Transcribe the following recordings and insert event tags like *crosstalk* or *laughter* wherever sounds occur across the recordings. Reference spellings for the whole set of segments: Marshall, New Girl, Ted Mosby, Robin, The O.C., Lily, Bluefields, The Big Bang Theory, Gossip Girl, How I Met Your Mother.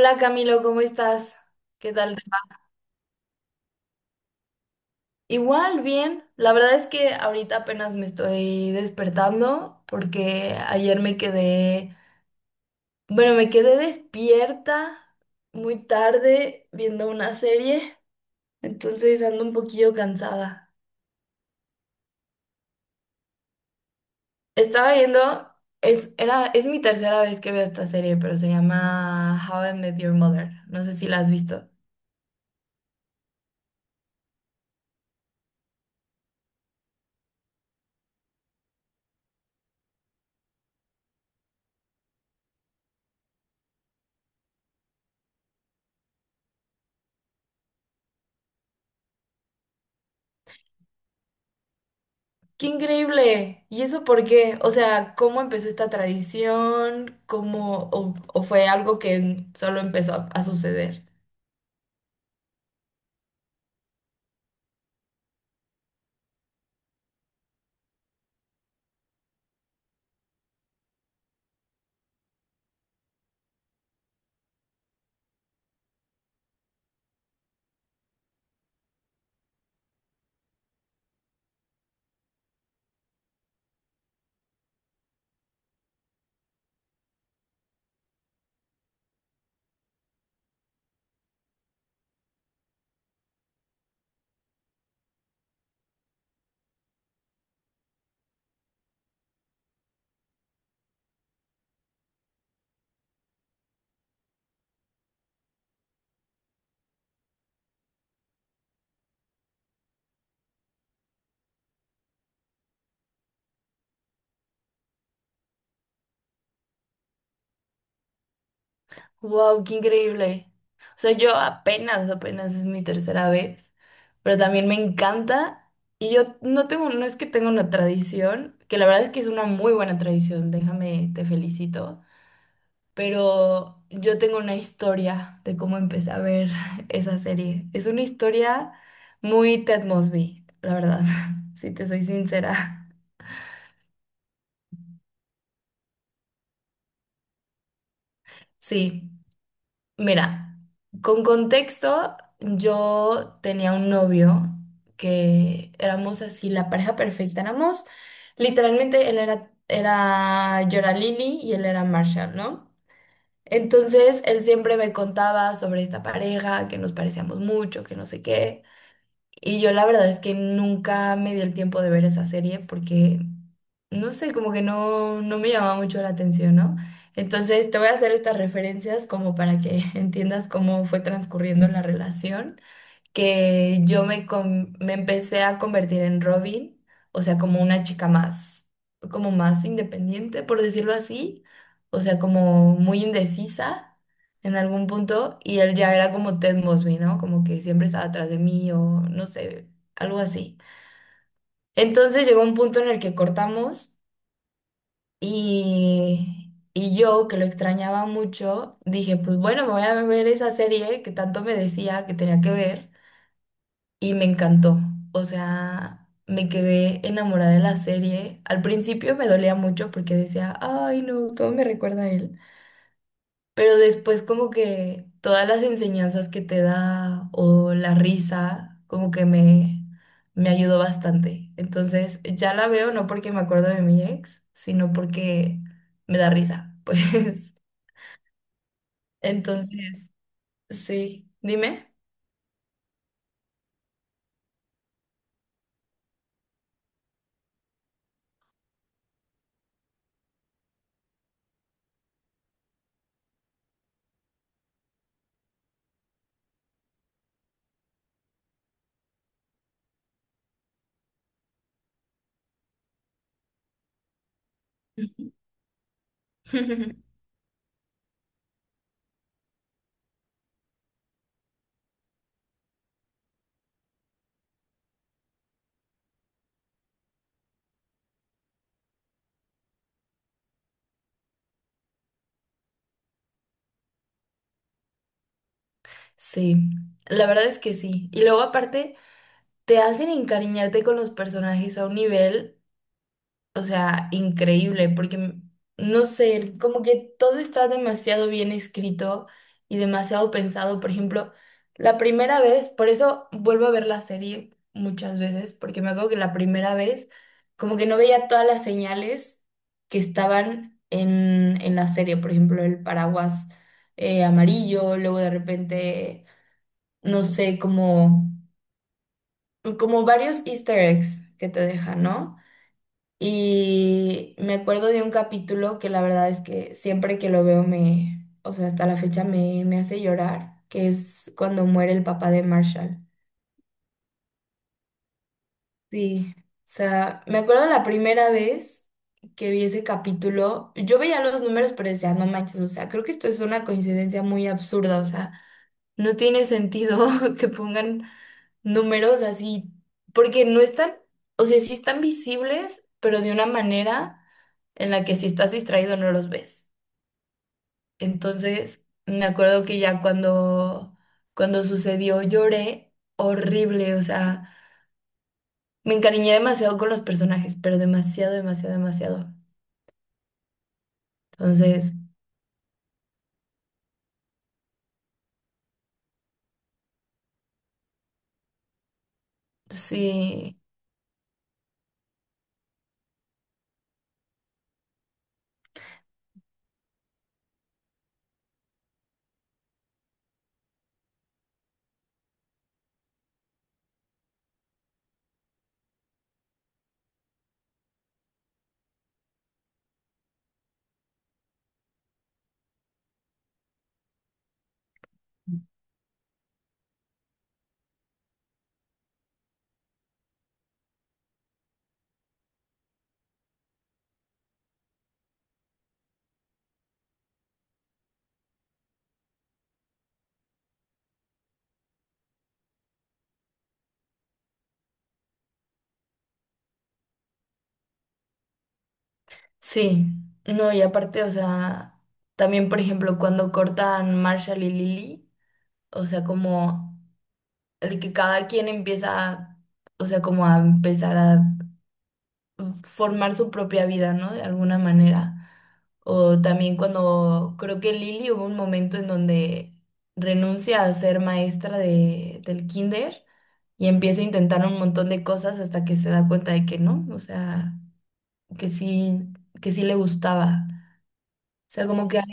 Hola Camilo, ¿cómo estás? ¿Qué tal te va? Igual, bien. La verdad es que ahorita apenas me estoy despertando porque ayer bueno, me quedé despierta muy tarde viendo una serie, entonces ando un poquillo cansada. Estaba viendo, es mi tercera vez que veo esta serie, pero se llama How I Met Your Mother. No sé si la has visto. Qué increíble. ¿Y eso por qué? O sea, ¿cómo empezó esta tradición? ¿Cómo o fue algo que solo empezó a suceder? Wow, qué increíble. O sea, yo apenas, apenas es mi tercera vez, pero también me encanta, y yo no tengo, no es que tenga una tradición, que la verdad es que es una muy buena tradición, déjame, te felicito. Pero yo tengo una historia de cómo empecé a ver *laughs* esa serie. Es una historia muy Ted Mosby, la verdad, *laughs* si te soy sincera. Sí, mira, con contexto, yo tenía un novio que éramos así, la pareja perfecta, éramos, literalmente él era, era yo era Lily y él era Marshall, ¿no? Entonces él siempre me contaba sobre esta pareja, que nos parecíamos mucho, que no sé qué. Y yo la verdad es que nunca me di el tiempo de ver esa serie porque, no sé, como que no, no me llamaba mucho la atención, ¿no? Entonces te voy a hacer estas referencias como para que *laughs* entiendas cómo fue transcurriendo la relación, que me empecé a convertir en Robin, o sea, como una chica más, como más independiente, por decirlo así, o sea, como muy indecisa en algún punto, y él ya era como Ted Mosby, ¿no? Como que siempre estaba atrás de mí, o no sé, algo así. Entonces llegó un punto en el que cortamos, y yo, que lo extrañaba mucho, dije, pues bueno, me voy a ver esa serie que tanto me decía que tenía que ver, y me encantó. O sea, me quedé enamorada de la serie. Al principio me dolía mucho porque decía, ay, no, todo me recuerda a él. Pero después como que todas las enseñanzas que te da o la risa, como que me ayudó bastante. Entonces, ya la veo no porque me acuerdo de mi ex, sino porque me da risa. *laughs* Pues, entonces, sí, dime. *laughs* Sí, la verdad es que sí. Y luego aparte, te hacen encariñarte con los personajes a un nivel, o sea, increíble, porque no sé, como que todo está demasiado bien escrito y demasiado pensado. Por ejemplo, la primera vez, por eso vuelvo a ver la serie muchas veces, porque me acuerdo que la primera vez, como que no veía todas las señales que estaban en la serie, por ejemplo, el paraguas amarillo, luego de repente, no sé, cómo como varios easter eggs que te dejan, ¿no? Y me acuerdo de un capítulo que la verdad es que siempre que lo veo o sea, hasta la fecha me hace llorar, que es cuando muere el papá de Marshall. Sí, o sea, me acuerdo la primera vez que vi ese capítulo, yo veía los números pero decía, no manches, o sea, creo que esto es una coincidencia muy absurda, o sea, no tiene sentido *laughs* que pongan numerosas y porque no están, o sea, sí están visibles, pero de una manera en la que si estás distraído no los ves. Entonces, me acuerdo que ya cuando sucedió lloré horrible, o sea, me encariñé demasiado con los personajes, pero demasiado, demasiado, demasiado. Entonces, sí, sí. No, y aparte, o sea, también, por ejemplo, cuando cortan Marshall y Lily, o sea, como el que cada quien empieza, o sea, como a empezar a formar su propia vida, ¿no? De alguna manera. O también cuando creo que Lili hubo un momento en donde renuncia a ser maestra del kinder y empieza a intentar un montón de cosas hasta que se da cuenta de que no, o sea, que sí, que sí le gustaba. O sea, como que hay.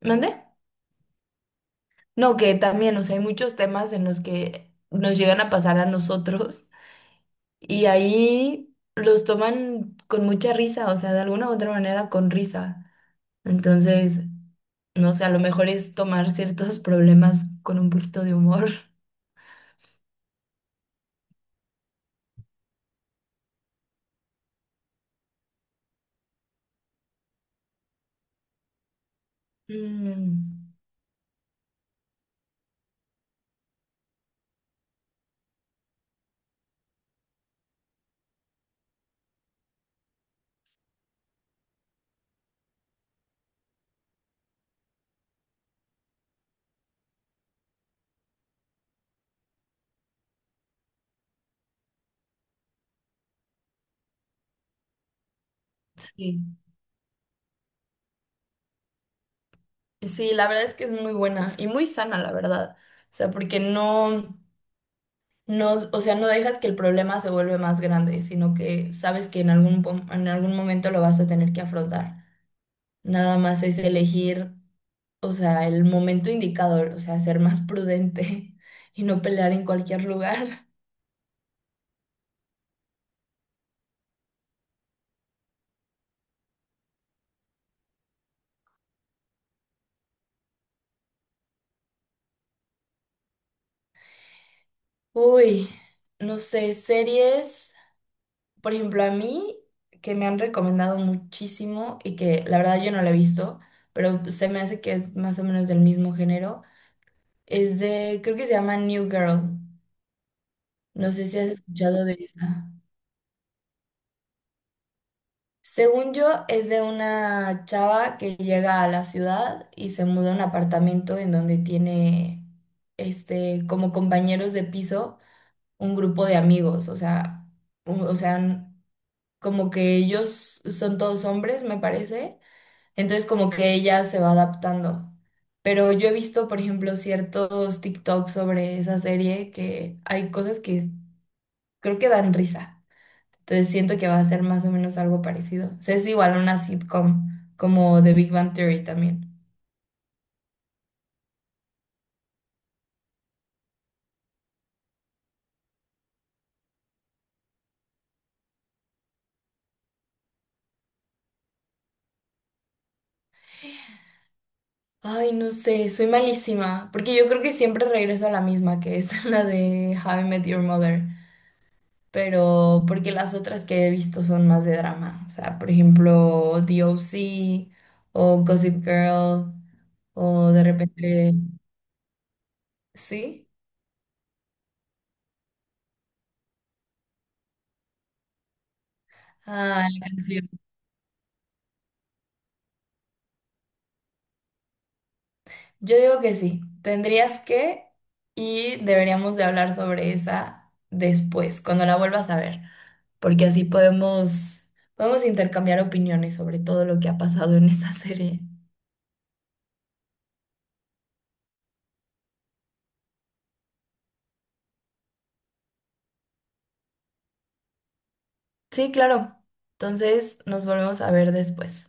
¿Mande? No, que también, o sea, hay muchos temas en los que nos llegan a pasar a nosotros. Y ahí los toman con mucha risa, o sea, de alguna u otra manera con risa. Entonces, no sé, a lo mejor es tomar ciertos problemas con un poquito de humor. *laughs* Mm, sí, sí, la verdad es que es muy buena y muy sana, la verdad. O sea, porque no, no, o sea, no dejas que el problema se vuelve más grande, sino que sabes que en en algún momento lo vas a tener que afrontar. Nada más es elegir, o sea, el momento indicador, o sea, ser más prudente *laughs* y no pelear en cualquier lugar. *laughs* Uy, no sé, series, por ejemplo, a mí que me han recomendado muchísimo y que la verdad yo no la he visto, pero se me hace que es más o menos del mismo género, es de, creo que se llama New Girl. No sé si has escuchado de esa. Según yo, es de una chava que llega a la ciudad y se muda a un apartamento en donde tiene este como compañeros de piso, un grupo de amigos, o sea, o sea, como que ellos son todos hombres, me parece, entonces como que ella se va adaptando. Pero yo he visto, por ejemplo, ciertos TikToks sobre esa serie que hay cosas que creo que dan risa. Entonces siento que va a ser más o menos algo parecido. O sea, es igual una sitcom como The Big Bang Theory también. Ay, no sé, soy malísima, porque yo creo que siempre regreso a la misma, que es *laughs* la de How I Met Your Mother, pero porque las otras que he visto son más de drama, o sea, por ejemplo, The O.C. o Gossip Girl o de repente, ¿sí? Ah, la canción. Yo digo que sí, tendrías que, y deberíamos de hablar sobre esa después, cuando la vuelvas a ver, porque así podemos, intercambiar opiniones sobre todo lo que ha pasado en esa serie. Sí, claro. Entonces nos volvemos a ver después.